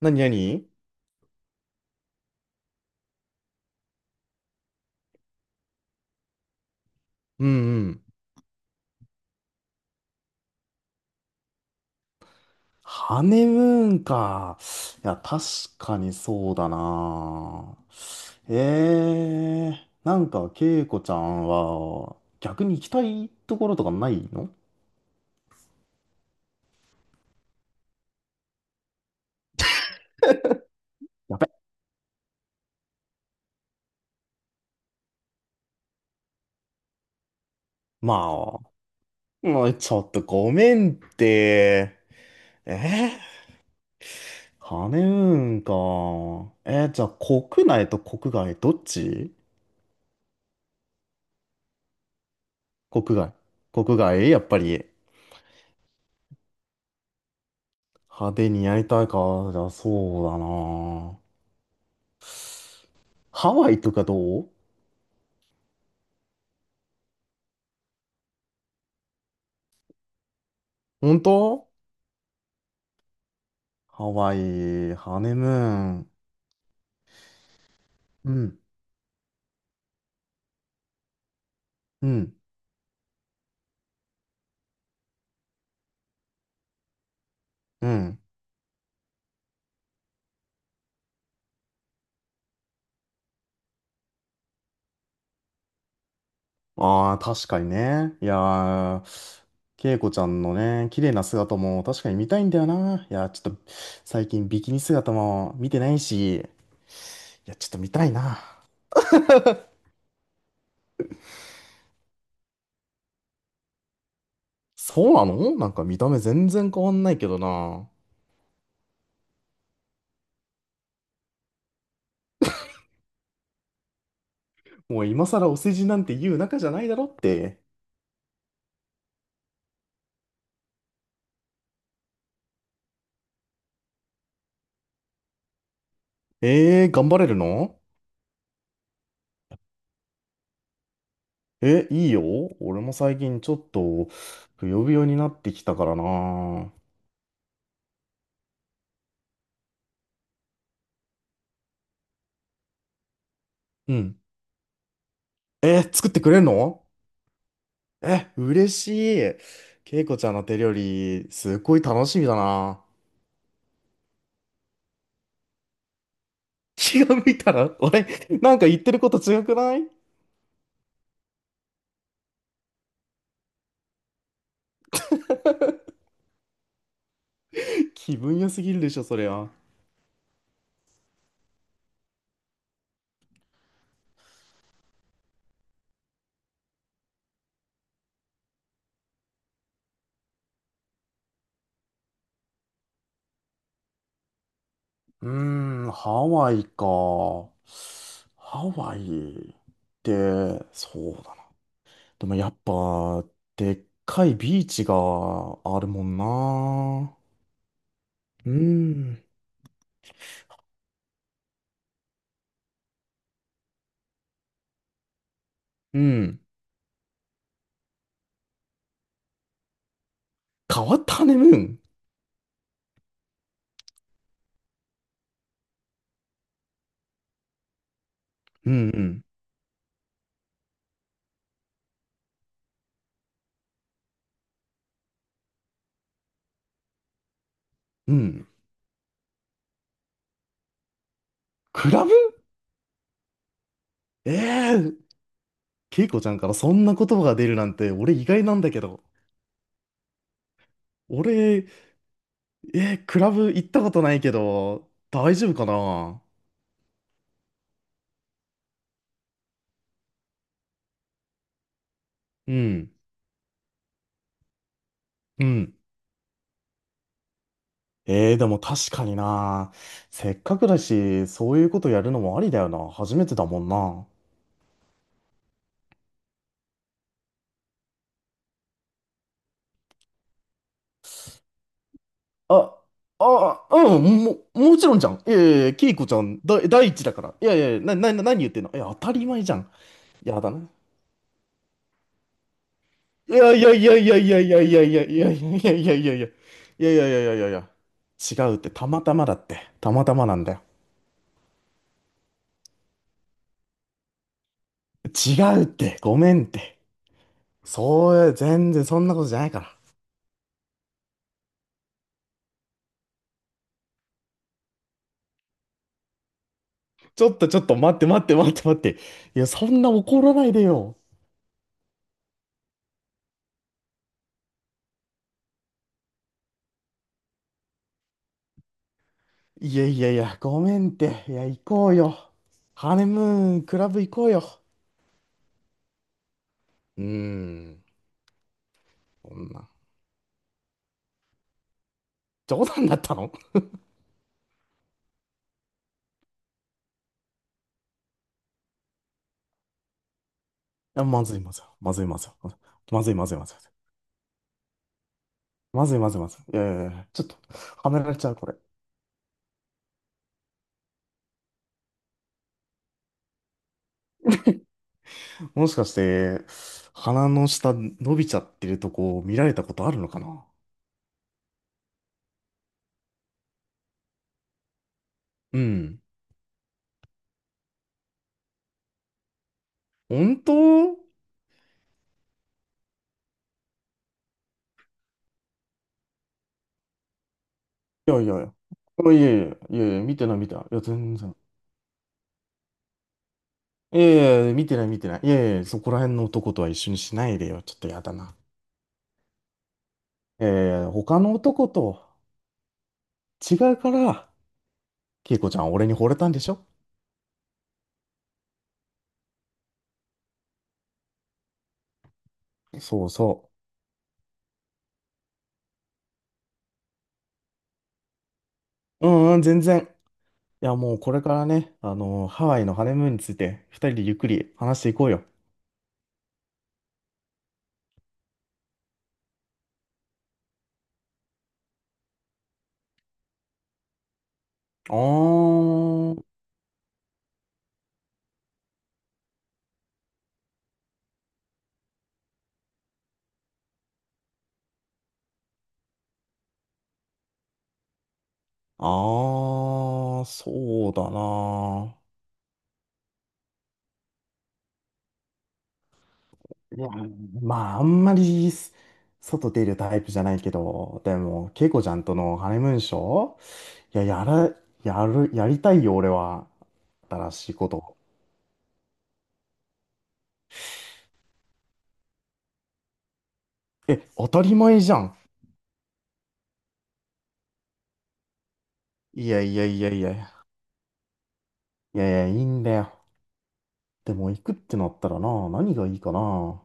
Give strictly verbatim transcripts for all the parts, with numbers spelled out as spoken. なになに。うんうん。ハネムーンか。いや、確かにそうだな。えー、なんか、恵子ちゃんは、逆に行きたいところとかないの？やべ。まあ、もうちょっとごめんって。えー、ハネムーンか。えー、じゃあ、国内と国外、どっち？国外。国外、やっぱり、派手にやりたいか。じゃあ、そうだな。ハワイとかどう？本当？ハワイ、ハネムーン。うん、うん、うん。ああ、確かにね。いやー、恵子ちゃんのね、綺麗な姿も確かに見たいんだよな。いやー、ちょっと、最近ビキニ姿も見てないし、いや、ちょっと見たいな。そうなの？なんか見た目全然変わんないけどな。もう今更お世辞なんて言う仲じゃないだろって。えー、頑張れるの？え、いいよ。俺も最近ちょっと、ぶよぶよになってきたからな。うん。え、作ってくれんの？え、嬉しい。けいこちゃんの手料理、すっごい楽しみだな。気が向いたら、俺、なんか言ってること違くない？気分良すぎるでしょ、そりゃ。うーん、ハワイか。ハワイって、そうだな。でもやっぱ、でっかいビーチがあるもんな。うーん、うん。変わったハネムーン。うん、うん、うん。クラブ？ええー、ケイコちゃんからそんな言葉が出るなんて、俺意外なんだけど。俺、えー、クラブ行ったことないけど、大丈夫かな？うん、うん。えー、でも確かにな。せっかくだし、そういうことやるのもありだよな。初めてだもんな。あ、あ、うん、も、もちろんじゃん。いやいやいや、ケイコちゃん、だ、第一だから。いやいや、な、な、な何言ってんの？いや、当たり前じゃん。やだな。いやいやいやいやいやいやいやいやいやいやいやいやいやいやいやいやいやいやいやいや、違うって、たまたまだって、たまたまなんだよ。違うって、ごめんって。そう、全然そんなことじゃないから。ちょっとちょっと待って待って待って待って、いや、そんな怒らないでよ。いやいやいや、ごめんって。いや、行こうよ。ハネムーンクラブ行こうよ。うーん。こんな冗談だったの？いや、まずいまずいまずいまずいまずいまずいまずいまずいまずいまずいまずい。いやいやいや、ちょっと、はめられちゃう、これ。もしかして、鼻の下伸びちゃってるとこを見られたことあるのかな？うん。本当？いやいやいや。いやいやいや、いや見てない見てない。いや、全然。いやいや見てない見てない。いやいやいや、そこら辺の男とは一緒にしないでよ。ちょっとやだな。いやいや他の男と違うから、ケイコちゃんは俺に惚れたんでしょ？そうそう。うんうん、全然。いや、もうこれからね、あのーハワイのハネムーンについて、二人でゆっくり話していこうよ。あー、あー、そうだな。いや、まあ、あんまりす外出るタイプじゃないけど、でも、ケイコちゃんとのハネムーンショー、いや、やら、やる、やりたいよ、俺は。新しいこと。当たり前じゃん。いやいやいやいや。いやいや、いいんだよ。でも、行くってなったらな、何がいいかな。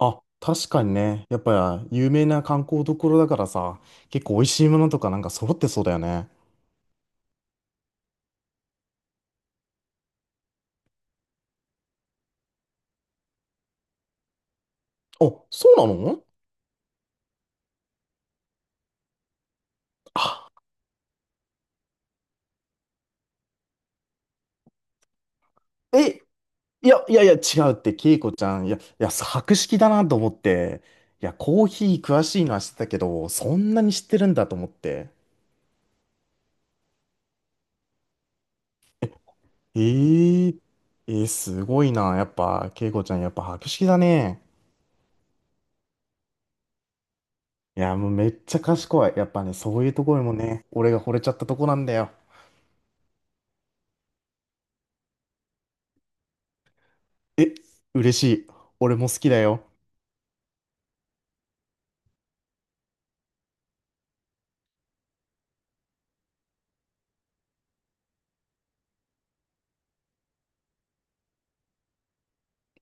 あ、確かにね。やっぱり有名な観光どころだからさ、結構美味しいものとかなんか揃ってそうだよね。あ、そうなの？あ、え、いや、いやいや、違うって、ケイコちゃん、いや、いや、博識だなと思って、いや、コーヒー詳しいのは知ってたけど、そんなに知ってるんだと思って。えー、えーすごいな。やっぱ、ケイコちゃん、やっぱ博識だね。いや、もうめっちゃ賢い。やっぱね、そういうところもね、俺が惚れちゃったとこなんだよ。え、嬉しい。俺も好きだよ。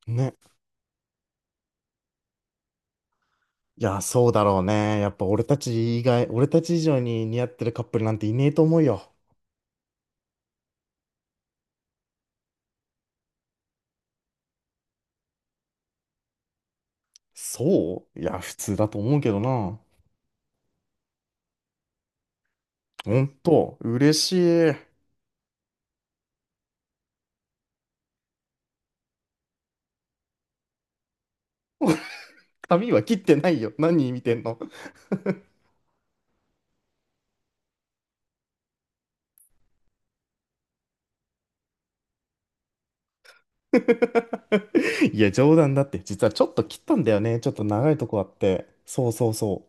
ね。いや、そうだろうね。やっぱ俺たち以外、俺たち以上に似合ってるカップルなんていねえと思うよ。そういや、普通だと思うけどな。ほんと、嬉しい。髪は切ってないよ。何見てんの？ いや、冗談だって。実はちょっと切ったんだよね。ちょっと長いとこあって。そうそうそ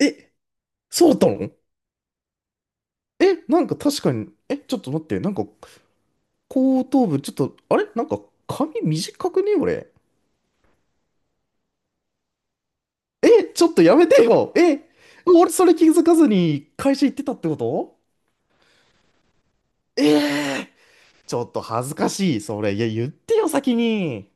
う。え、そうだったの？え、なんか確かに、え、ちょっと待って。なんか、後頭部、ちょっと、あれなんか、髪短くね俺？え、ちょっとやめてよ。え、俺それ気づかずに会社行ってたってこと？ええー、ちょっと恥ずかしい。それ、いや、言ってよ、先に。